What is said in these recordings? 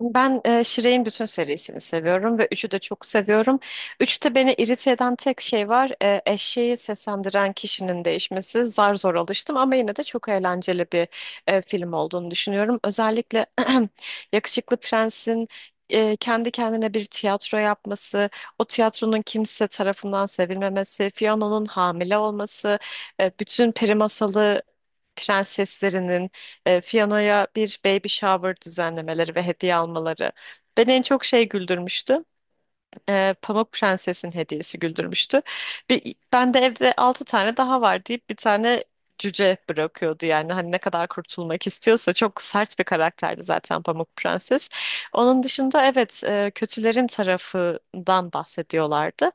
Ben Shirey'in bütün serisini seviyorum ve üçü de çok seviyorum. Üçte beni irite eden tek şey var. Eşeği seslendiren kişinin değişmesi. Zar zor alıştım ama yine de çok eğlenceli bir film olduğunu düşünüyorum. Özellikle Yakışıklı Prens'in kendi kendine bir tiyatro yapması, o tiyatronun kimse tarafından sevilmemesi, Fiona'nın hamile olması, bütün peri masalı prenseslerinin Fiona'ya bir baby shower düzenlemeleri ve hediye almaları beni en çok şey güldürmüştü, Pamuk Prenses'in hediyesi güldürmüştü. Bir, ben de evde altı tane daha var deyip bir tane cüce bırakıyordu. Yani hani ne kadar kurtulmak istiyorsa, çok sert bir karakterdi zaten Pamuk Prenses. Onun dışında, evet, kötülerin tarafından bahsediyorlardı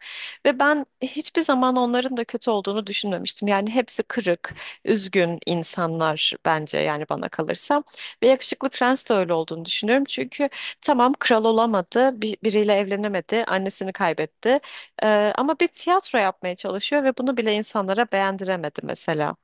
ve ben hiçbir zaman onların da kötü olduğunu düşünmemiştim. Yani hepsi kırık, üzgün insanlar bence, yani bana kalırsa. Ve yakışıklı prens de öyle olduğunu düşünüyorum. Çünkü tamam, kral olamadı, bir, biriyle evlenemedi, annesini kaybetti. Ee, ama bir tiyatro yapmaya çalışıyor ve bunu bile insanlara beğendiremedi mesela.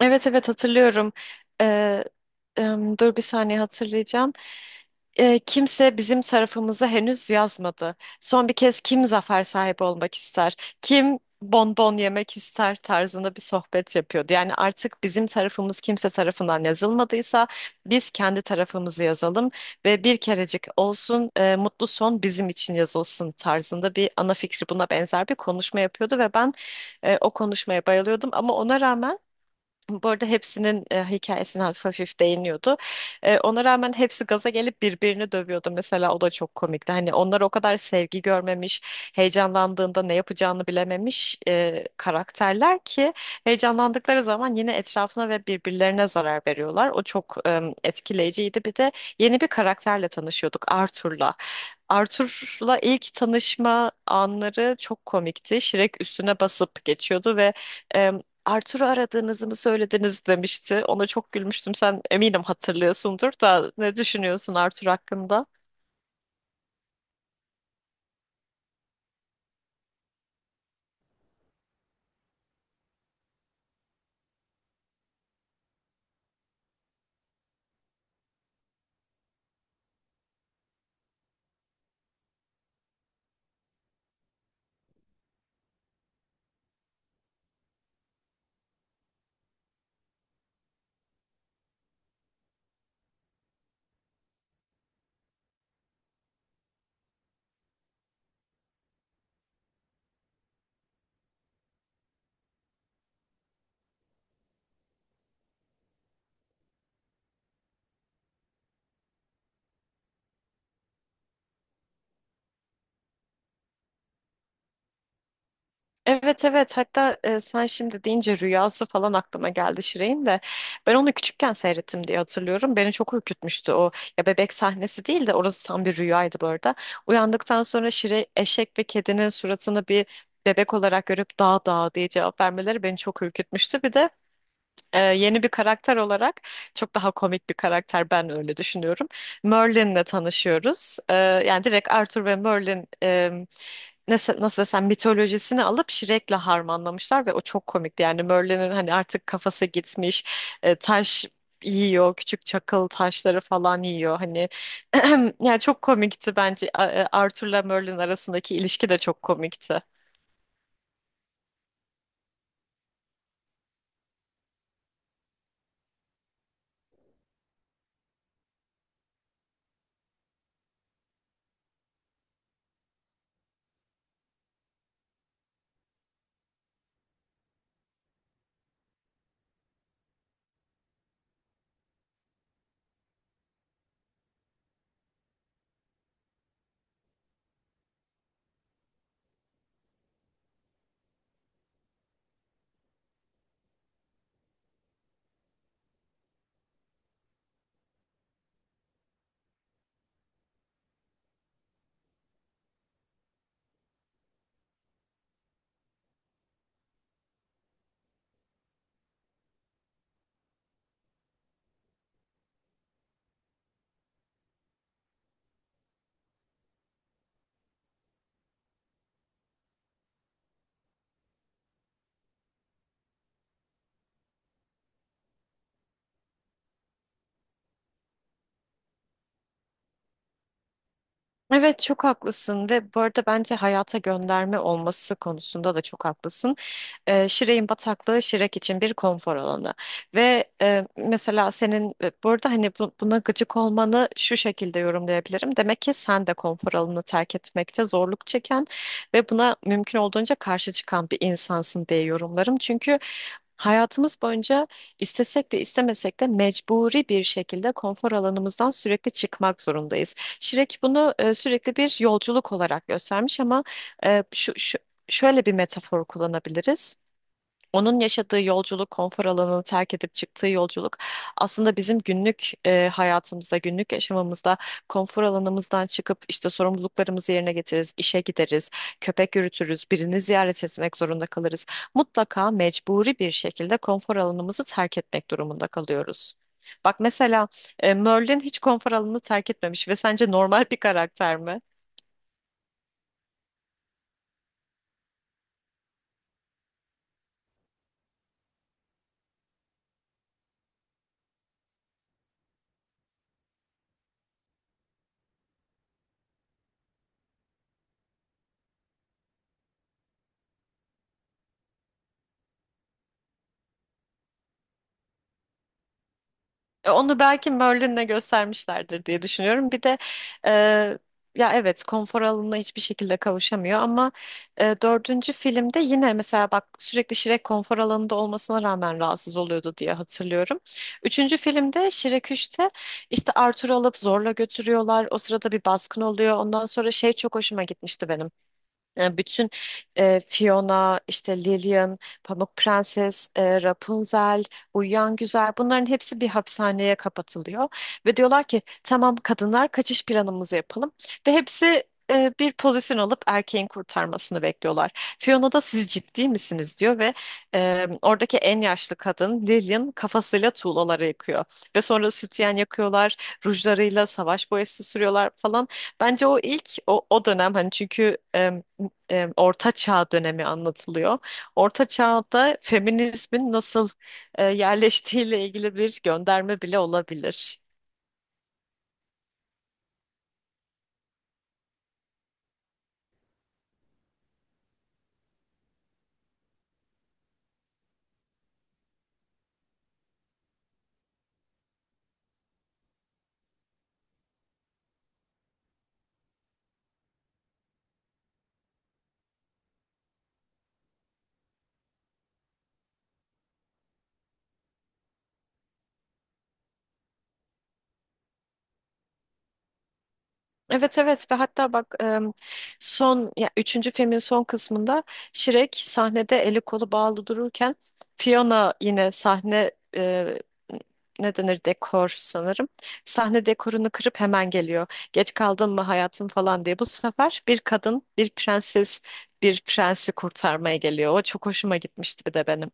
Evet, evet, hatırlıyorum. Ee, dur bir saniye, hatırlayacağım. Kimse bizim tarafımıza henüz yazmadı. Son bir kez kim zafer sahibi olmak ister? Kim bonbon yemek ister tarzında bir sohbet yapıyordu. Yani artık bizim tarafımız kimse tarafından yazılmadıysa biz kendi tarafımızı yazalım ve bir kerecik olsun mutlu son bizim için yazılsın tarzında bir ana fikri, buna benzer bir konuşma yapıyordu ve ben o konuşmaya bayılıyordum. Ama ona rağmen, bu arada hepsinin hikayesine hafif hafif değiniyordu. Ona rağmen hepsi gaza gelip birbirini dövüyordu. Mesela o da çok komikti. Hani onlar o kadar sevgi görmemiş, heyecanlandığında ne yapacağını bilememiş karakterler ki heyecanlandıkları zaman yine etrafına ve birbirlerine zarar veriyorlar. O çok etkileyiciydi. Bir de yeni bir karakterle tanışıyorduk, Arthur'la. Arthur'la ilk tanışma anları çok komikti. Shrek üstüne basıp geçiyordu ve e, Arthur'u aradığınızı mı söylediniz demişti. Ona çok gülmüştüm. Sen eminim hatırlıyorsundur da, ne düşünüyorsun Arthur hakkında? Evet, evet, hatta sen şimdi deyince rüyası falan aklıma geldi. Şirin de ben onu küçükken seyrettim diye hatırlıyorum. Beni çok ürkütmüştü o. Ya, bebek sahnesi değil de orası tam bir rüyaydı bu arada. Uyandıktan sonra Şirin, eşek ve kedinin suratını bir bebek olarak görüp dağ dağ diye cevap vermeleri beni çok ürkütmüştü. Bir de yeni bir karakter olarak, çok daha komik bir karakter, ben öyle düşünüyorum. Merlin'le tanışıyoruz. Yani direkt Arthur ve Merlin nasıl desem, mitolojisini alıp Shrek'le harmanlamışlar ve o çok komikti. Yani Merlin'in hani artık kafası gitmiş, taş yiyor, küçük çakıl taşları falan yiyor. Hani yani çok komikti bence. Arthur'la Merlin arasındaki ilişki de çok komikti. Evet, çok haklısın. Ve bu arada bence hayata gönderme olması konusunda da çok haklısın. Şire'in bataklığı Şirek için bir konfor alanı. Ve mesela senin burada hani buna gıcık olmanı şu şekilde yorumlayabilirim. Demek ki sen de konfor alanını terk etmekte zorluk çeken ve buna mümkün olduğunca karşı çıkan bir insansın diye yorumlarım. Çünkü hayatımız boyunca, istesek de istemesek de, mecburi bir şekilde konfor alanımızdan sürekli çıkmak zorundayız. Şirek bunu sürekli bir yolculuk olarak göstermiş. Ama e, şu, şu şöyle bir metafor kullanabiliriz. Onun yaşadığı yolculuk, konfor alanını terk edip çıktığı yolculuk, aslında bizim günlük hayatımızda, günlük yaşamımızda konfor alanımızdan çıkıp işte sorumluluklarımızı yerine getiririz, işe gideriz, köpek yürütürüz, birini ziyaret etmek zorunda kalırız. Mutlaka mecburi bir şekilde konfor alanımızı terk etmek durumunda kalıyoruz. Bak mesela, Merlin hiç konfor alanını terk etmemiş ve sence normal bir karakter mi? Onu belki Merlin'le göstermişlerdir diye düşünüyorum. Bir de e, ya, evet, konfor alanına hiçbir şekilde kavuşamıyor. Ama dördüncü filmde yine mesela bak, sürekli Shrek konfor alanında olmasına rağmen rahatsız oluyordu diye hatırlıyorum. Üçüncü filmde, Shrek 3'te, işte Arthur'u alıp zorla götürüyorlar. O sırada bir baskın oluyor. Ondan sonra şey çok hoşuma gitmişti benim. Yani bütün Fiona, işte Lillian, Pamuk Prenses, Rapunzel, Uyuyan Güzel, bunların hepsi bir hapishaneye kapatılıyor. Ve diyorlar ki, tamam kadınlar, kaçış planımızı yapalım. Ve hepsi bir pozisyon alıp erkeğin kurtarmasını bekliyorlar. Fiona da siz ciddi misiniz diyor ve oradaki en yaşlı kadın Lillian kafasıyla tuğlaları yakıyor. Ve sonra sütyen yakıyorlar, rujlarıyla savaş boyası sürüyorlar falan. Bence o ilk o, o dönem, hani çünkü Orta Çağ dönemi anlatılıyor. Orta Çağ'da feminizmin nasıl yerleştiğiyle ilgili bir gönderme bile olabilir. Evet, evet, ve hatta bak, son, ya, üçüncü filmin son kısmında Shrek sahnede eli kolu bağlı dururken, Fiona yine sahne ne denir, dekor sanırım, sahne dekorunu kırıp hemen geliyor. Geç kaldın mı hayatım falan diye. Bu sefer bir kadın, bir prenses, bir prensi kurtarmaya geliyor. O çok hoşuma gitmişti bir de benim.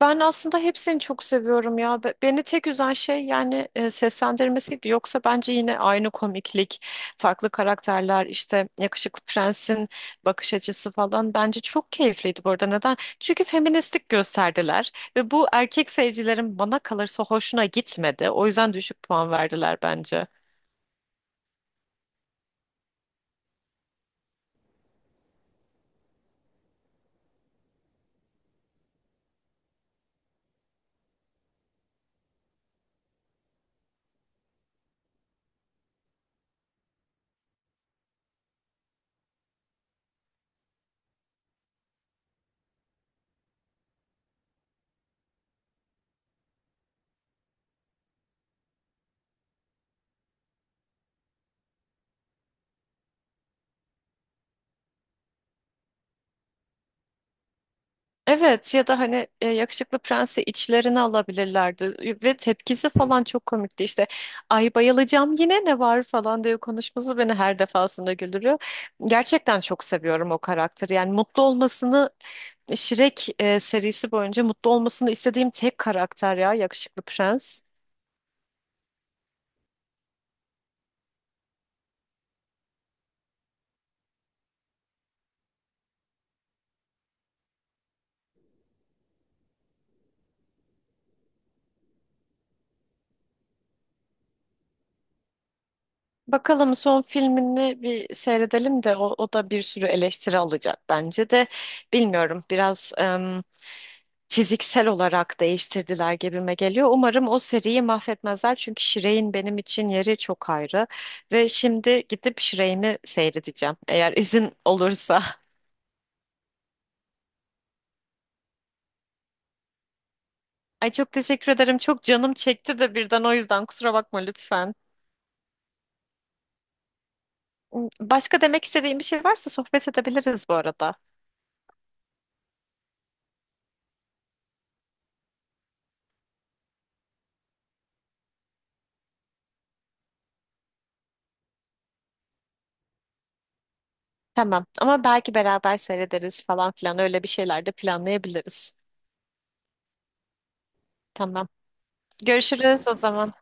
Ben aslında hepsini çok seviyorum ya. Beni tek üzen şey yani seslendirmesiydi. Yoksa bence yine aynı komiklik, farklı karakterler, işte yakışıklı prensin bakış açısı falan, bence çok keyifliydi bu arada. Neden? Çünkü feministlik gösterdiler ve bu erkek seyircilerin bana kalırsa hoşuna gitmedi. O yüzden düşük puan verdiler bence. Evet, ya da hani yakışıklı prensi içlerine alabilirlerdi. Ve tepkisi falan çok komikti. İşte ay bayılacağım yine ne var falan diye konuşması beni her defasında güldürüyor. Gerçekten çok seviyorum o karakteri. Yani mutlu olmasını, Shrek serisi boyunca mutlu olmasını istediğim tek karakter ya, yakışıklı prens. Bakalım son filmini bir seyredelim de, o, o da bir sürü eleştiri alacak bence de, bilmiyorum, biraz fiziksel olarak değiştirdiler gibime geliyor. Umarım o seriyi mahvetmezler, çünkü Shrek'in benim için yeri çok ayrı. Ve şimdi gidip Shrek'imi seyredeceğim, eğer izin olursa. Ay, çok teşekkür ederim. Çok canım çekti de birden, o yüzden kusura bakma lütfen. Başka demek istediğim bir şey varsa sohbet edebiliriz bu arada. Tamam, ama belki beraber seyrederiz falan filan, öyle bir şeyler de planlayabiliriz. Tamam. Görüşürüz o zaman.